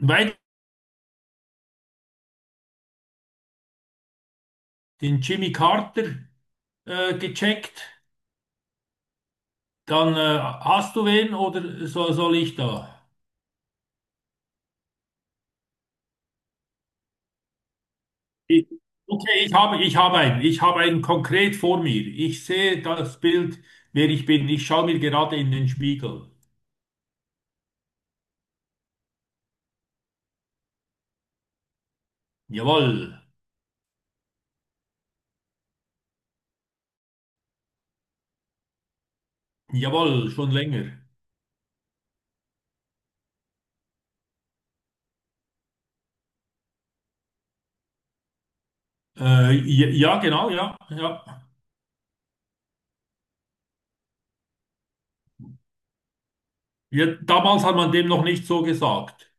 Weiter den Jimmy Carter gecheckt. Dann hast du wen oder so, soll ich da? Ich, okay, ich habe einen. Ich habe einen konkret vor mir. Ich sehe das Bild, wer ich bin. Ich schaue mir gerade in den Spiegel. Jawohl, jawohl, schon länger. Ja, ja, genau, ja, ja. Ja, damals hat man dem noch nicht so gesagt,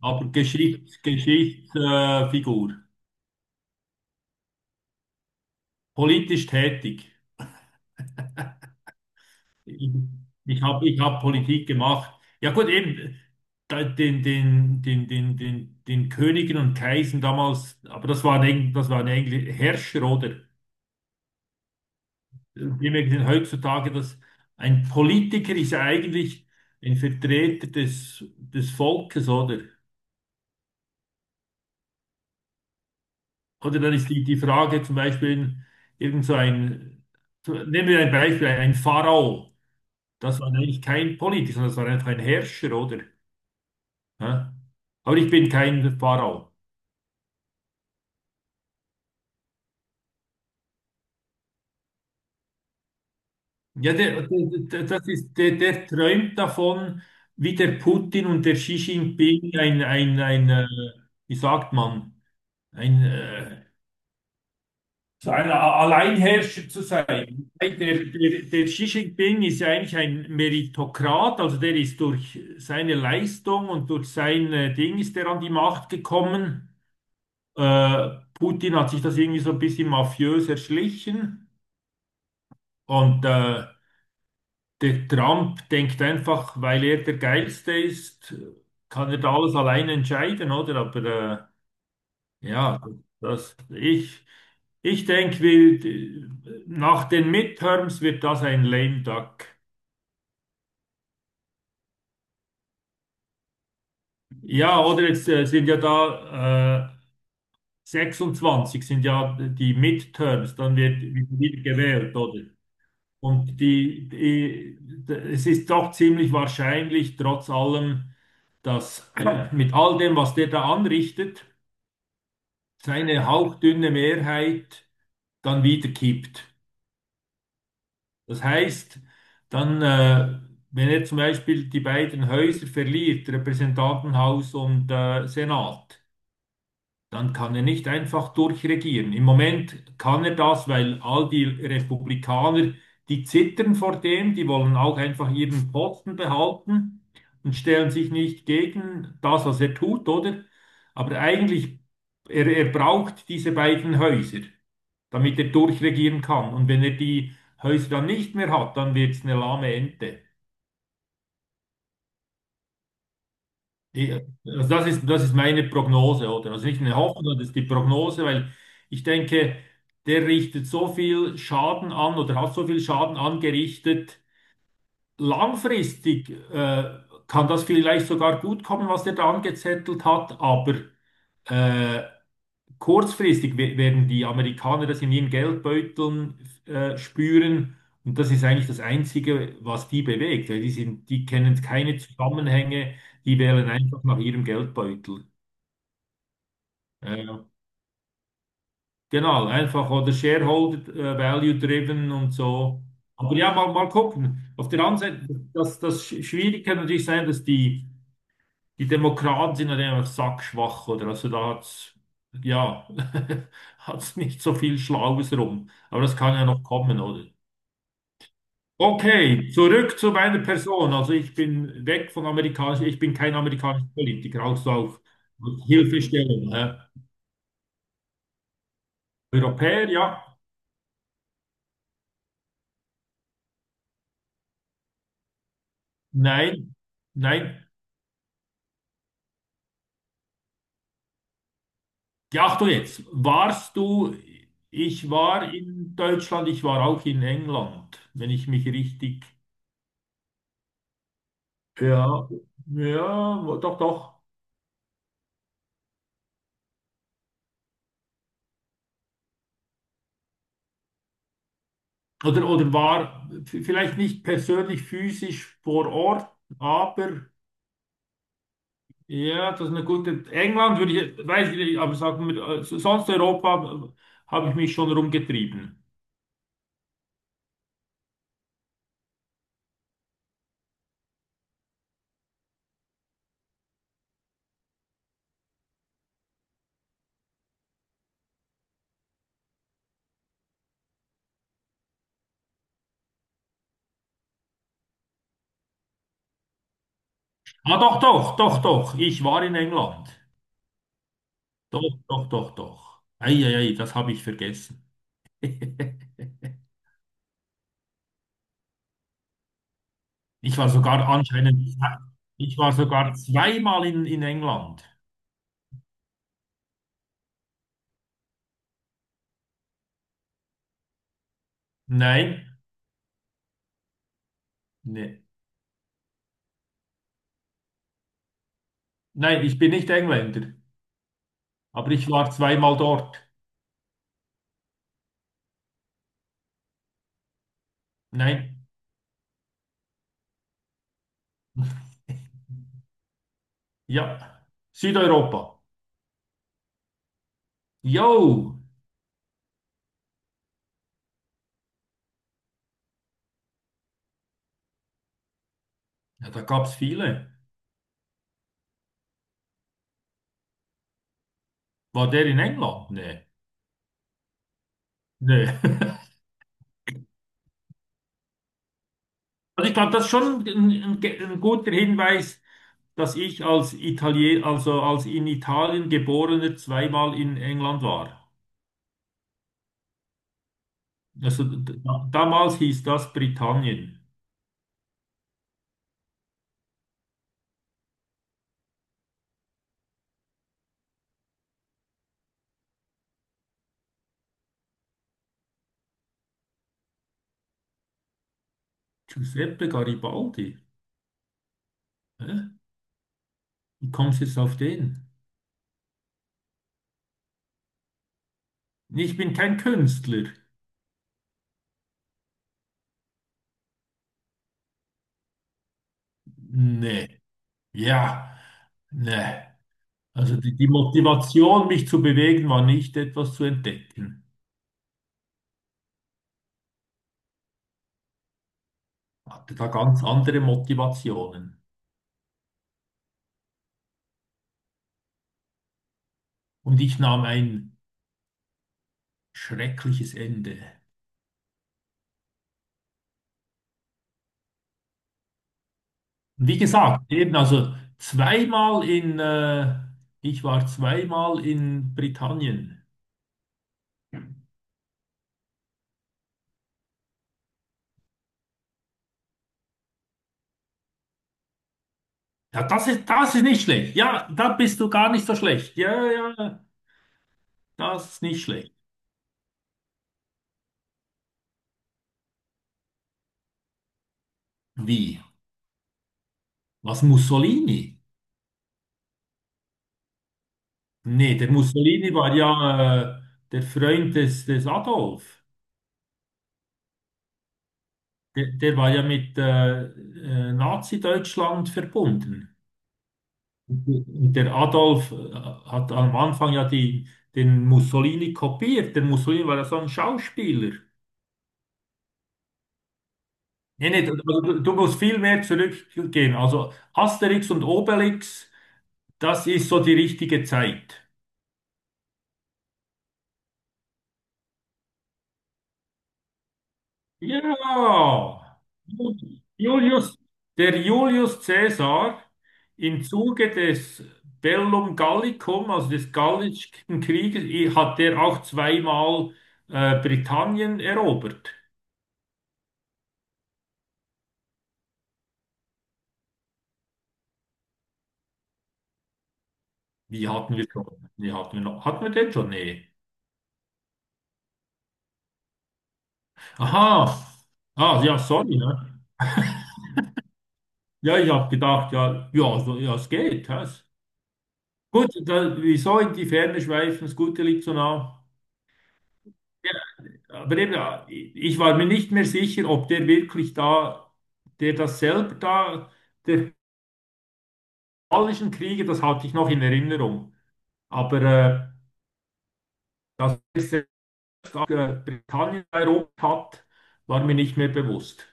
aber Geschichtsfigur, Figur. Politisch tätig. Ich, ich habe ich hab Politik gemacht. Ja gut, eben den Königen und Kaisern damals, aber das waren eigentlich Herrscher, oder? Wir merken heutzutage, dass ein Politiker ist ja eigentlich ein Vertreter des Volkes, oder? Oder dann ist die Frage zum Beispiel, irgend so ein, so- nehmen wir ein Beispiel, ein Pharao. Das war eigentlich kein Politiker, sondern das war einfach ein Herrscher, oder? Ja. Aber ich bin kein Pharao. Ja, das ist, der träumt davon, wie der Putin und der Xi Jinping wie sagt man, ein, äh, so ein Alleinherrscher zu sein. Hey, der Xi Jinping ist ja eigentlich ein Meritokrat, also der ist durch seine Leistung und durch sein Ding ist er an die Macht gekommen. Äh, Putin hat sich das irgendwie so ein bisschen mafiös erschlichen und der Trump denkt einfach, weil er der Geilste ist, kann er da alles alleine entscheiden, oder? Aber ja, das, ich, ich denke, nach den Midterms wird das ein lame duck. Ja, oder jetzt sind ja da 26 sind ja die Midterms, dann wird wieder gewählt, oder? Und es ist doch ziemlich wahrscheinlich, trotz allem, dass mit all dem, was der da anrichtet, seine hauchdünne Mehrheit dann wieder kippt. Das heißt, dann, äh, wenn er zum Beispiel die beiden Häuser verliert, Repräsentantenhaus und Senat, dann kann er nicht einfach durchregieren. Im Moment kann er das, weil all die Republikaner, die zittern vor dem, die wollen auch einfach ihren Posten behalten und stellen sich nicht gegen das, was er tut, oder? Aber eigentlich, er braucht diese beiden Häuser, damit er durchregieren kann. Und wenn er die Häuser dann nicht mehr hat, dann wird es eine lahme Ente. Die, also das ist meine Prognose, oder? Also nicht eine Hoffnung, sondern das ist die Prognose, weil ich denke, der richtet so viel Schaden an oder hat so viel Schaden angerichtet. Langfristig, kann das vielleicht sogar gut kommen, was der da angezettelt hat, aber äh, kurzfristig werden die Amerikaner das in ihren Geldbeuteln spüren. Und das ist eigentlich das Einzige, was die bewegt. Weil die kennen keine Zusammenhänge, die wählen einfach nach ihrem Geldbeutel. Äh, genau, einfach oder Shareholder Value driven und so. Aber ja, mal gucken. Auf der anderen Seite, das Schwierige kann natürlich sein, dass die die Demokraten sind halt einfach sackschwach, oder? Also da hat's, ja, hat's nicht so viel Schlaues rum. Aber das kann ja noch kommen, oder? Okay, zurück zu meiner Person. Also ich bin weg von amerikanisch, ich bin kein amerikanischer Politiker, also auf Hilfestellung. Europäer, ja. Nein, nein. Ja, ach du jetzt, ich war in Deutschland, ich war auch in England, wenn ich mich richtig, ja, ja, doch, doch. Oder war vielleicht nicht persönlich physisch vor Ort, aber ja, das ist eine gute. England würde ich, weiß ich nicht, aber sagen wir, so, sonst Europa habe ich mich schon rumgetrieben. Ah, doch, doch, doch, doch, ich war in England. Doch, doch, doch, doch. Eieiei, das habe ich vergessen. Ich war sogar anscheinend, ich war sogar zweimal in England. Nein, nee. Nein, ich bin nicht Engländer, aber ich war zweimal dort. Nein. Ja, Südeuropa. Jo, ja, da gab es viele. War der in England? Nee. Nee. Also ich glaube, das ist schon ein guter Hinweis, dass ich als Italiener, also als in Italien geborener zweimal in England war. Also damals hieß das Britannien. Giuseppe Garibaldi. Hä? Wie kommst du jetzt auf den? Nee, ich bin kein Künstler. Nee. Ja. Nee. Also die Motivation, mich zu bewegen, war nicht etwas zu entdecken. Hatte da ganz andere Motivationen. Und ich nahm ein schreckliches Ende. Und wie gesagt, eben also ich war zweimal in Britannien. Ja, das ist nicht schlecht. Ja, da bist du gar nicht so schlecht. Ja, ja, ja, das ist nicht schlecht. Wie? Was Mussolini? Nee, der Mussolini war ja, der Freund des Adolf. Der war ja mit Nazi-Deutschland verbunden. Und der Adolf hat am Anfang ja den Mussolini kopiert. Der Mussolini war ja so ein Schauspieler. Nee, nee, also du musst viel mehr zurückgehen. Also Asterix und Obelix, das ist so die richtige Zeit. Ja, Julius, der Julius Caesar im Zuge des Bellum Gallicum, also des Gallischen Krieges, hat der auch zweimal Britannien erobert. Wie hatten wir schon? Wie hatten wir noch? Hatten wir den schon? Nee. Aha. Ah, ja, sorry. Ne? Ja, ich habe gedacht, ja, ja, so, ja, es geht. Das. Gut, da, wieso in die Ferne schweifen? Das Gute liegt so nah. Ja, aber eben, ja ich war mir nicht mehr sicher, ob der wirklich da, der das selber da, der Gallischen Kriege, das hatte ich noch in Erinnerung. Aber dass er selbst auch, Britannien erobert hat, war mir nicht mehr bewusst.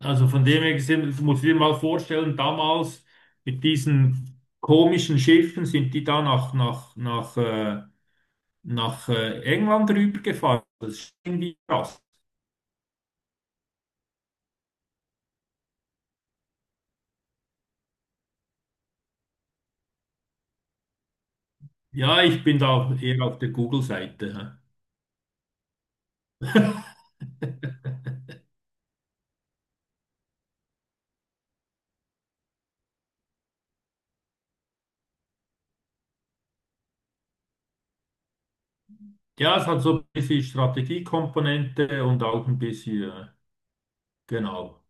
Also von dem her gesehen, du musst dir mal vorstellen, damals mit diesen komischen Schiffen sind die da nach England rübergefahren. Das ist irgendwie krass. Ja, ich bin da eher auf der Google-Seite. Hä? Ja, es hat so ein bisschen Strategiekomponente und auch ein bisschen, genau.